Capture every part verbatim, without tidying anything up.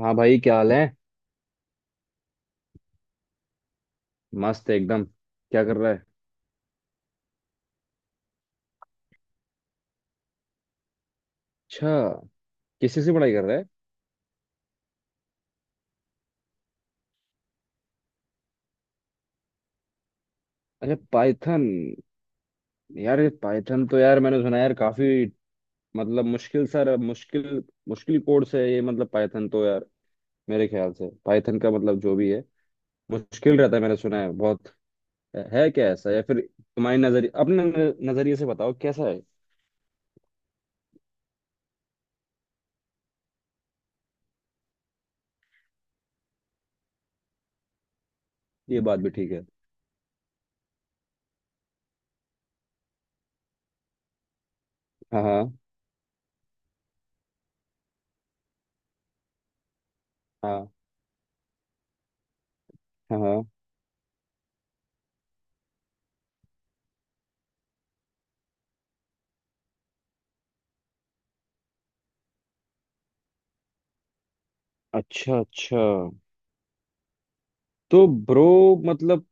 हाँ भाई, क्या हाल है। मस्त एकदम। क्या कर रहा है। अच्छा, किसी से पढ़ाई कर रहा है। अच्छा, पाइथन। यार, ये पाइथन तो यार मैंने सुना है यार काफी, मतलब मुश्किल सर, मुश्किल, मुश्किल कोर्स है ये, मतलब पाइथन तो यार मेरे ख्याल से पाइथन का, मतलब जो भी है मुश्किल रहता है, मैंने सुना है बहुत। है क्या ऐसा, या फिर तुम्हारी नजरिए, अपने न- नजरिए से बताओ कैसा है। ये बात भी ठीक है। हाँ हाँ। हाँ हाँ हाँ। अच्छा अच्छा। तो ब्रो, मतलब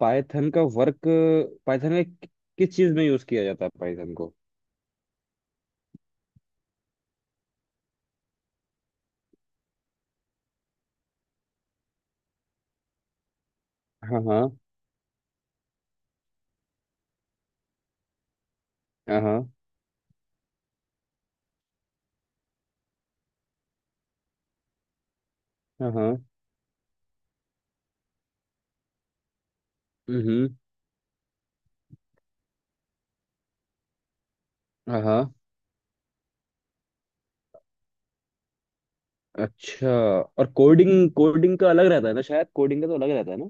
पाइथन का वर्क, पाइथन में कि- किस चीज में यूज किया जाता है पाइथन को। हाँ हाँ। हाँ हाँ। हाँ हाँ, हम्म। हाँ हाँ। अच्छा। और कोडिंग, कोडिंग का अलग रहता है ना शायद, कोडिंग का तो अलग रहता है ना।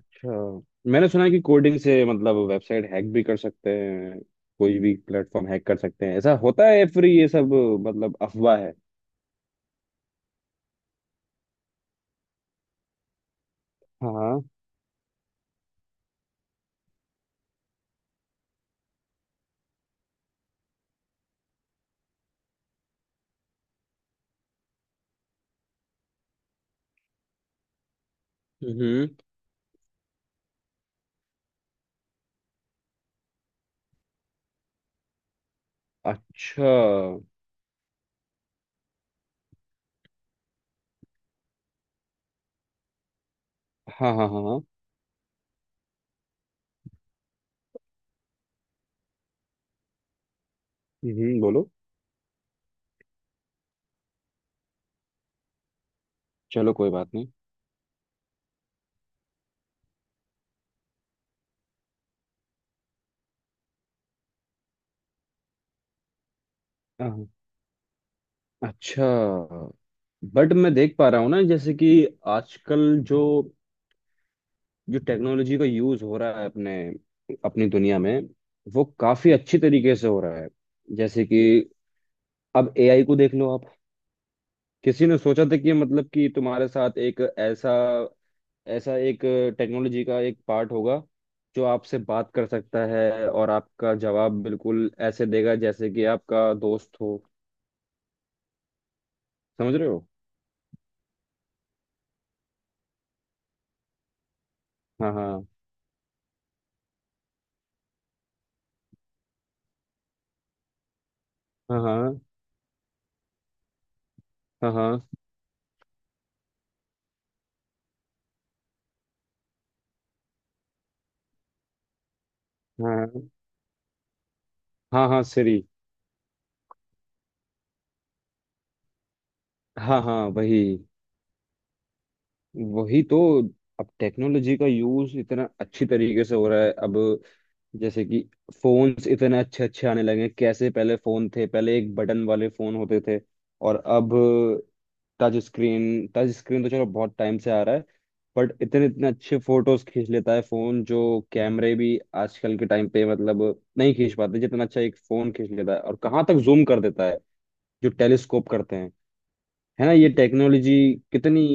अच्छा, मैंने सुना है कि कोडिंग से मतलब वेबसाइट हैक भी कर सकते हैं, कोई भी प्लेटफॉर्म हैक कर सकते हैं, ऐसा होता है या फिर ये सब मतलब अफवाह है। हाँ हाँ, हम्म। अच्छा। हाँ हाँ। हाँ हाँ। हम्म, बोलो। चलो कोई बात नहीं। हाँ, हाँ। अच्छा। बट मैं देख पा रहा हूँ ना, जैसे कि आजकल जो जो टेक्नोलॉजी का यूज हो रहा है अपने अपनी दुनिया में, वो काफी अच्छी तरीके से हो रहा है। जैसे कि अब ए आई को देख लो आप, किसी ने सोचा था कि मतलब कि तुम्हारे साथ एक ऐसा, ऐसा एक टेक्नोलॉजी का एक पार्ट होगा जो आपसे बात कर सकता है और आपका जवाब बिल्कुल ऐसे देगा जैसे कि आपका दोस्त हो। समझ रहे हो। हाँ हाँ। हाँ हाँ। हाँ हाँ। हाँ हाँ। हाँ सिरी। हाँ हाँ, वही। वही तो, अब टेक्नोलॉजी का यूज इतना अच्छी तरीके से हो रहा है अब। जैसे कि फोन्स इतने अच्छे अच्छे आने लगे हैं, कैसे पहले फोन थे, पहले एक बटन वाले फोन होते थे और अब टच स्क्रीन, टच स्क्रीन तो चलो बहुत टाइम से आ रहा है। बट इतने इतने अच्छे फोटोज खींच लेता है फोन, जो कैमरे भी आजकल के टाइम पे, मतलब नहीं खींच पाते जितना अच्छा एक फोन खींच लेता है, और कहाँ तक जूम कर देता है जो टेलीस्कोप करते हैं। है ना ये टेक्नोलॉजी कितनी।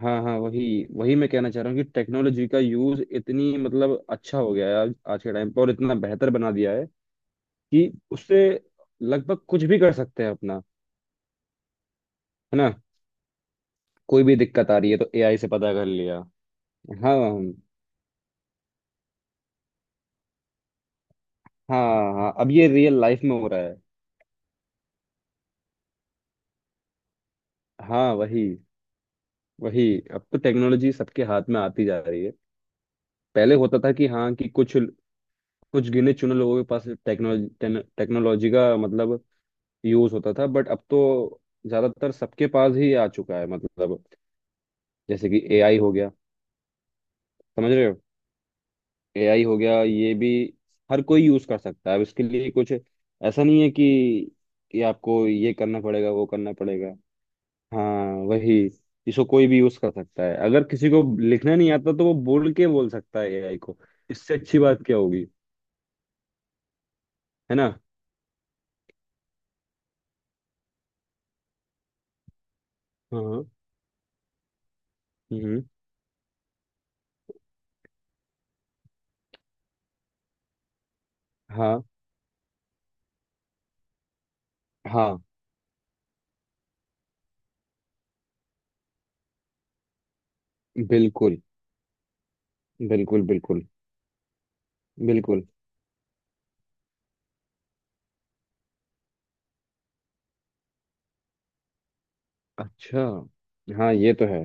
हाँ हाँ, वही। वही मैं कहना चाह रहा हूँ कि टेक्नोलॉजी का यूज इतनी मतलब अच्छा हो गया है आज, आज के टाइम पर, और इतना बेहतर बना दिया है कि उससे लगभग कुछ भी कर सकते हैं अपना। है ना। कोई भी दिक्कत आ रही है तो ए आई से पता कर लिया। हाँ हाँ। हाँ, अब ये रियल लाइफ में हो रहा है। हाँ, वही। वही, अब तो टेक्नोलॉजी सबके हाथ में आती जा रही है। पहले होता था कि हाँ कि कुछ, कुछ गिने चुने लोगों के पास टेक्नोलॉजी, टेक्नोलॉजी का मतलब यूज होता था, बट अब तो ज्यादातर सबके पास ही आ चुका है मतलब। जैसे कि ए आई हो गया। समझ रहे हो। ए आई हो गया, ये भी हर कोई यूज कर सकता है अब, इसके लिए कुछ ऐसा नहीं है कि कि आपको ये करना पड़ेगा, वो करना पड़ेगा। हाँ वही। इसको कोई भी यूज कर सकता है, अगर किसी को लिखना नहीं आता तो वो बोल के बोल सकता है ए आई को। इससे अच्छी बात क्या होगी। है ना। हाँ, हम्म। हाँ हाँ। बिल्कुल बिल्कुल। बिल्कुल बिल्कुल। अच्छा, हाँ ये तो है।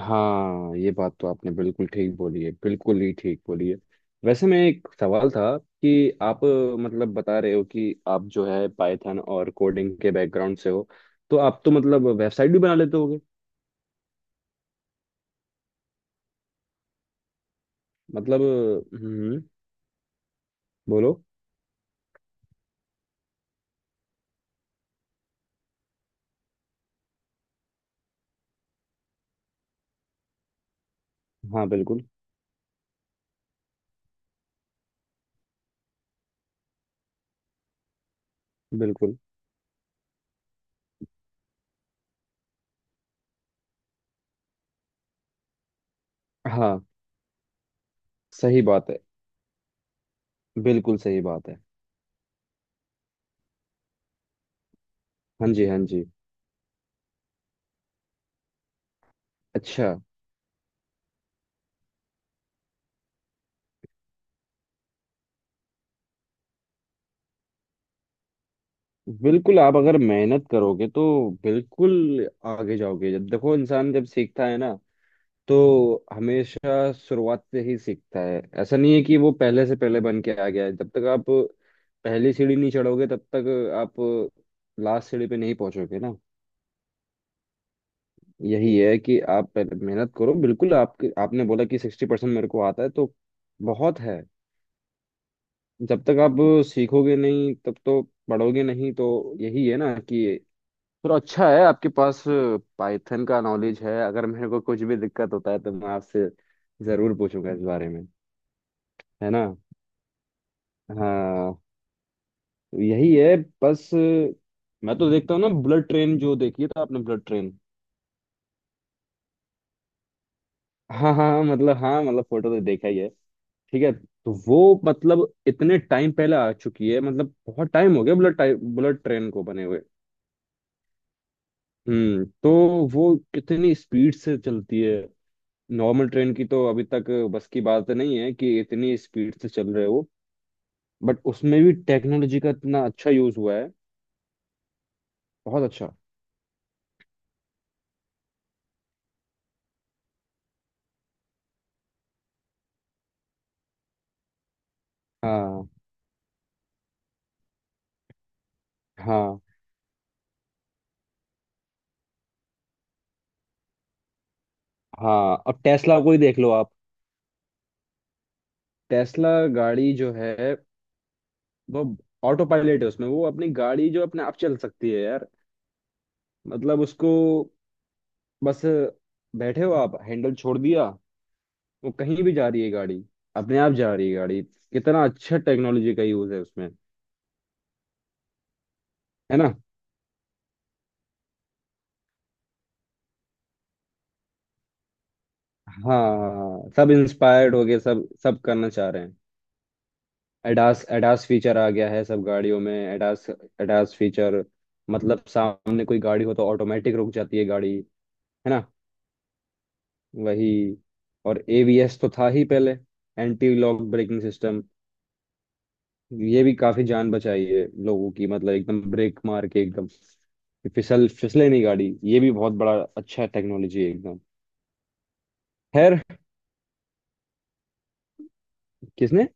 हाँ ये बात तो आपने बिल्कुल ठीक बोली है, बिल्कुल ही ठीक बोली है। वैसे मैं एक सवाल था कि आप, अ, मतलब बता रहे हो कि आप जो है पाइथन और कोडिंग के बैकग्राउंड से हो, तो आप तो मतलब वेबसाइट भी बना लेते होगे। मतलब अ, हम्म, बोलो। हाँ बिल्कुल बिल्कुल। हाँ सही बात है, बिल्कुल सही बात है। हाँ जी, हाँ जी। अच्छा। बिल्कुल, आप अगर मेहनत करोगे तो बिल्कुल आगे जाओगे। जब देखो इंसान जब सीखता है ना, तो हमेशा शुरुआत से ही सीखता है, ऐसा नहीं है कि वो पहले से पहले बन के आ गया है। जब तक आप पहली सीढ़ी नहीं चढ़ोगे तब तक आप लास्ट सीढ़ी पे नहीं पहुंचोगे ना। यही है कि आप पहले मेहनत करो। बिल्कुल आपके, आपने बोला कि सिक्सटी परसेंट मेरे को आता है, तो बहुत है। जब तक आप सीखोगे नहीं, तब तो, पढ़ोगे नहीं तो, यही है ना कि थोड़ा अच्छा है आपके पास पाइथन का नॉलेज है। अगर मेरे को कुछ भी दिक्कत होता है तो मैं आपसे जरूर पूछूंगा इस बारे में। है ना। हाँ। यही है बस। मैं तो देखता हूँ ना, ब्लड ट्रेन जो देखी है तो, आपने ब्लड ट्रेन। हाँ हाँ हाँ, मतलब हाँ, मतलब फोटो तो देखा ही है। ठीक है, तो वो मतलब इतने टाइम पहले आ चुकी है, मतलब बहुत टाइम हो गया ब्लड टाइम, ब्लड ट्रेन को बने हुए। हम्म, तो वो कितनी स्पीड से चलती है, नॉर्मल ट्रेन की तो अभी तक बस की बात नहीं है कि इतनी स्पीड से चल रहे हो। बट उसमें भी टेक्नोलॉजी का इतना अच्छा यूज हुआ है, बहुत अच्छा। हाँ। हाँ, हाँ अब टेस्ला को ही देख लो आप। टेस्ला गाड़ी जो है, वो ऑटो पायलट है उसमें, वो अपनी गाड़ी जो अपने आप चल सकती है यार। मतलब उसको बस, बैठे हो आप, हैंडल छोड़ दिया, वो कहीं भी जा रही है गाड़ी, अपने आप जा रही है गाड़ी। कितना अच्छा टेक्नोलॉजी का यूज है उसमें। है ना। हाँ, सब इंस्पायर्ड हो गए, सब सब करना चाह रहे हैं। ए डास, एडास फीचर आ गया है सब गाड़ियों में। ए डास, एडास फीचर मतलब सामने कोई गाड़ी हो तो ऑटोमेटिक रुक जाती है गाड़ी, है ना। वही। और ए बी एस तो था ही पहले, एंटी लॉक ब्रेकिंग सिस्टम। ये भी काफी जान बचाई है लोगों की, मतलब एकदम ब्रेक मार के एकदम कि फिसल, फिसले नहीं गाड़ी, ये भी बहुत बड़ा अच्छा टेक्नोलॉजी है एकदम। खैर, किसने।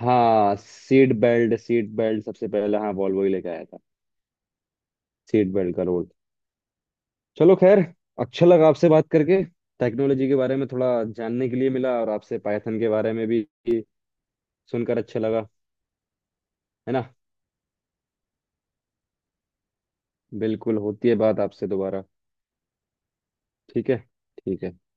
हाँ, सीट बेल्ट, सीट बेल्ट सबसे पहले हाँ वॉल्वो ही लेके आया था। सीट बेल्ट का रोल, चलो खैर। अच्छा लगा आपसे बात करके, टेक्नोलॉजी के बारे में थोड़ा जानने के लिए मिला, और आपसे पाइथन के बारे में भी सुनकर अच्छा लगा। है ना। बिल्कुल, होती है बात आपसे दोबारा। ठीक है। ठीक है।